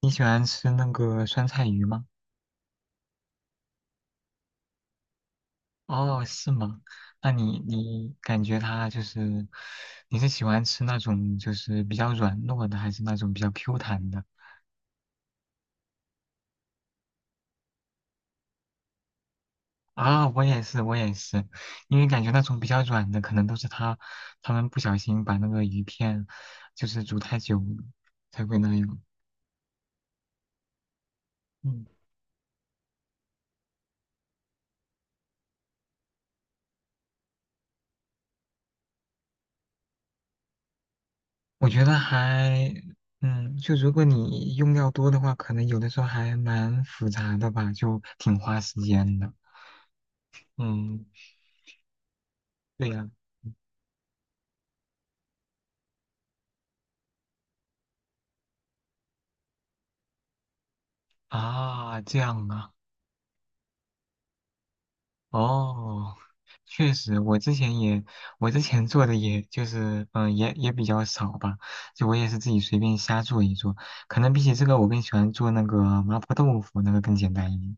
你喜欢吃那个酸菜鱼吗？哦，是吗？那你感觉它就是，你是喜欢吃那种就是比较软糯的，还是那种比较 Q 弹的？啊，我也是，我也是，因为感觉那种比较软的，可能都是它他们不小心把那个鱼片就是煮太久了才会那样。嗯，我觉得还，就如果你用料多的话，可能有的时候还蛮复杂的吧，就挺花时间的。嗯。对呀、啊，这样啊，哦，确实，我之前也，我之前做的也就是，也比较少吧，就我也是自己随便瞎做一做，可能比起这个，我更喜欢做那个麻婆豆腐，那个更简单一点。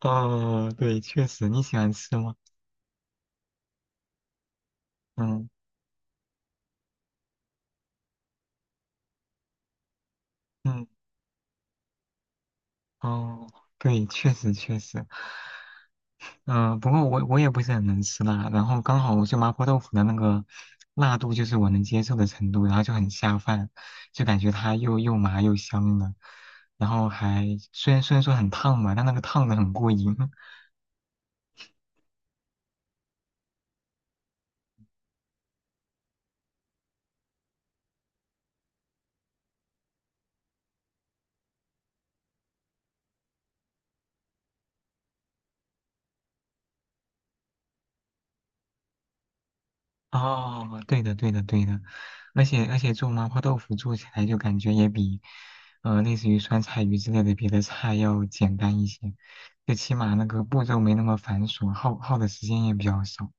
哦，对，确实，你喜欢吃吗？嗯嗯，哦，对，确实，嗯、不过我也不是很能吃辣，然后刚好就麻婆豆腐的那个辣度就是我能接受的程度，然后就很下饭，就感觉它又麻又香的，然后还虽然说很烫吧，但那个烫的很过瘾。哦，对的对的对的，而且做麻婆豆腐做起来就感觉也比，类似于酸菜鱼之类的别的菜要简单一些，最起码那个步骤没那么繁琐，耗的时间也比较少。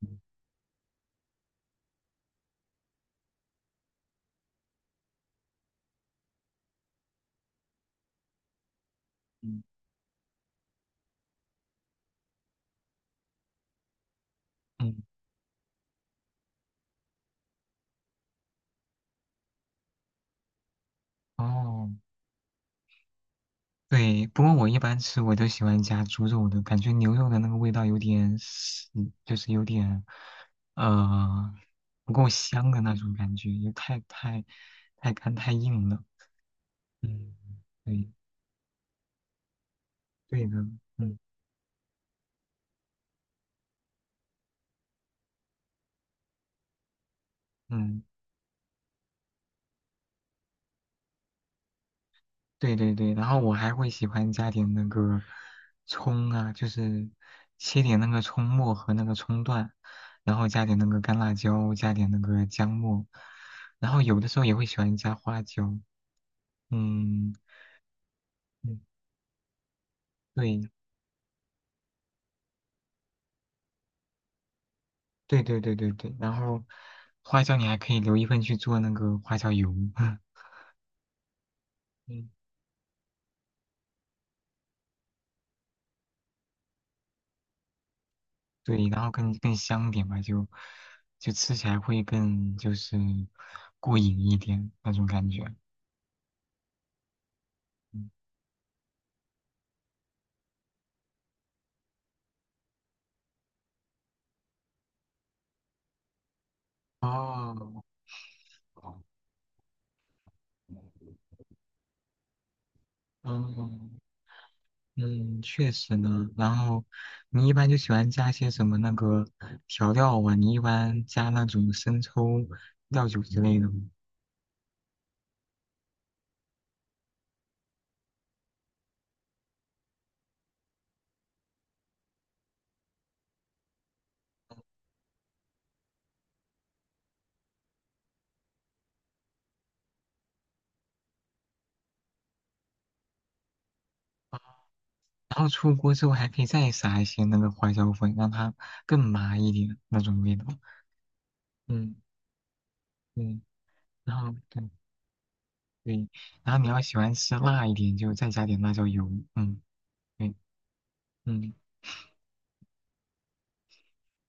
嗯嗯嗯。嗯哦，对，不过我一般吃我都喜欢加猪肉的，感觉牛肉的那个味道有点死，就是有点呃不够香的那种感觉，也太干太硬了。嗯，对对的，嗯嗯，对对对。然后我还会喜欢加点那个葱啊，就是切点那个葱末和那个葱段，然后加点那个干辣椒，加点那个姜末，然后有的时候也会喜欢加花椒。嗯，嗯对对对对对对，然后花椒你还可以留一份去做那个花椒油，嗯，对，然后更香点吧，就就吃起来会更就是过瘾一点那种感觉。嗯哦，嗯嗯，确实呢。然后你一般就喜欢加些什么那个调料啊？你一般加那种生抽、料酒之类的吗？然后出锅之后还可以再撒一些那个花椒粉，让它更麻一点那种味道。嗯嗯，然后对对，然后你要喜欢吃辣一点，就再加点辣椒油。嗯对嗯，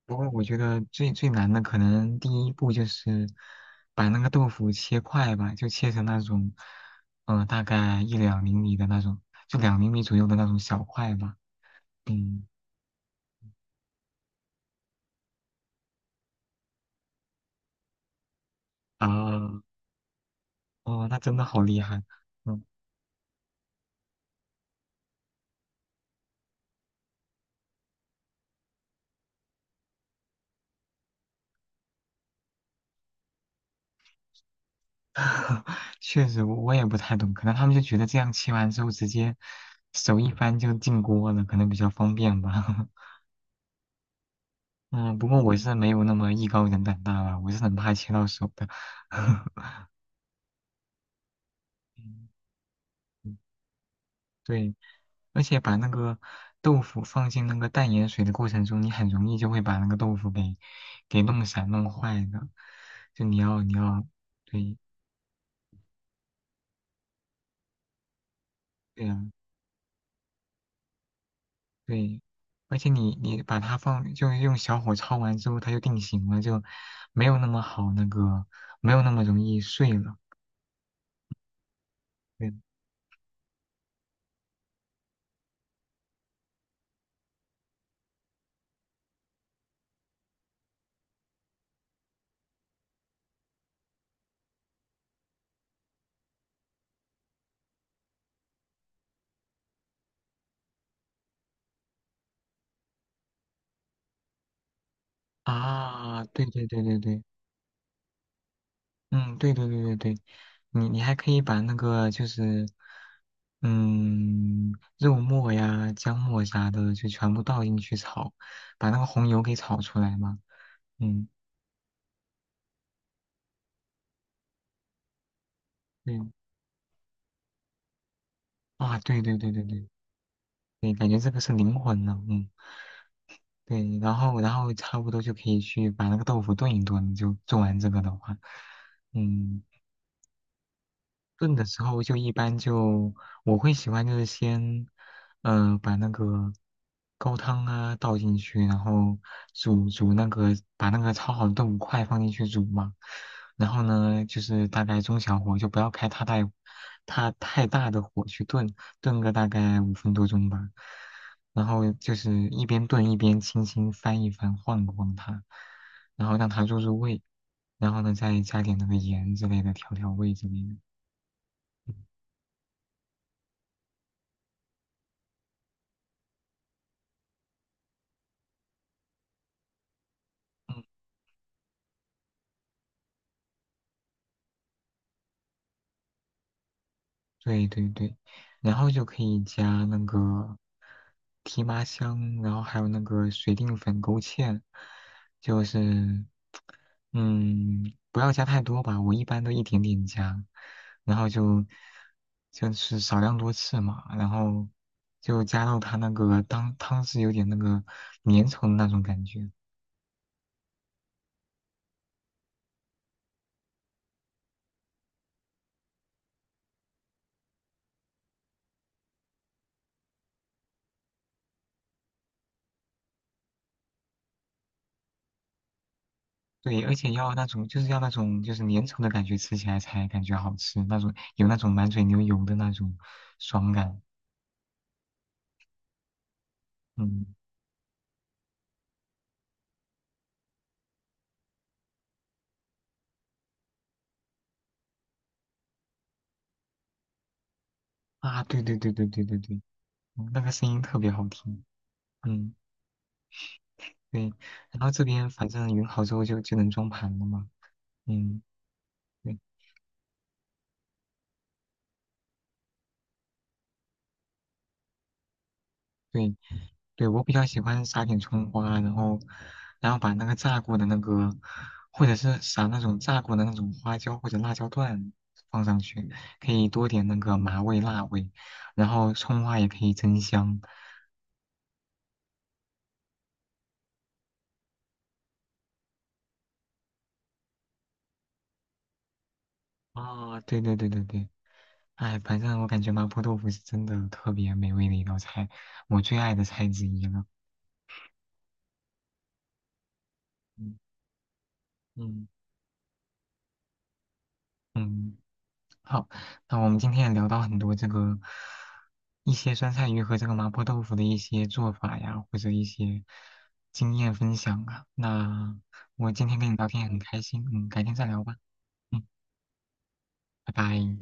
不过我觉得最难的可能第一步就是把那个豆腐切块吧，就切成那种大概一两厘米的那种，就两厘米左右的那种小块吧。嗯啊哦，那真的好厉害。嗯。确实，我也不太懂，可能他们就觉得这样切完之后直接手一翻就进锅了，可能比较方便吧。嗯，不过我是没有那么艺高人胆大吧，我是很怕切到手的。嗯嗯对，而且把那个豆腐放进那个淡盐水的过程中，你很容易就会把那个豆腐给弄散、弄坏的。就你要对对呀、对，而且你把它放，就是用小火焯完之后，它就定型了，就没有那么好那个，没有那么容易碎了。对啊，对对对对对，嗯，对对对对对，你还可以把那个就是，嗯，肉末呀、姜末啥的就全部倒进去炒，把那个红油给炒出来嘛。嗯，对，啊，对对对对对对，感觉这个是灵魂了，嗯。对，然后差不多就可以去把那个豆腐炖一炖，就做完这个的话，嗯，炖的时候就一般就我会喜欢就是先，把那个高汤啊倒进去，然后煮煮那个把那个焯好的豆腐块放进去煮嘛，然后呢就是大概中小火，就不要开太大它太大的火去炖，炖个大概5分多钟吧，然后就是一边炖一边轻轻翻一翻晃一晃它，然后让它入味，然后呢再加点那个盐之类的调味之类的。嗯嗯，对对对，然后就可以加那个提麻香，然后还有那个水淀粉、勾芡，就是，嗯，不要加太多吧，我一般都一点点加，然后就就是少量多次嘛，然后就加到它那个汤是有点那个粘稠的那种感觉，对，而且要那种就是要那种就是粘稠的感觉，吃起来才感觉好吃，那种有那种满嘴流油的那种爽感。嗯啊，对对对对对对对，嗯那个声音特别好听。嗯，对。然后这边反正匀好之后就就能装盘了嘛。嗯，对对，对，我比较喜欢撒点葱花，然后，然后把那个炸过的那个，或者是撒那种炸过的那种花椒或者辣椒段放上去，可以多点那个麻味、辣味，然后葱花也可以增香。啊、对对对对对，哎，反正我感觉麻婆豆腐是真的特别美味的一道菜，我最爱的菜之一了。嗯嗯嗯，好，那我们今天也聊到很多这个一些酸菜鱼和这个麻婆豆腐的一些做法呀，或者一些经验分享啊。那我今天跟你聊天也很开心，嗯，改天再聊吧，嗯，拜拜。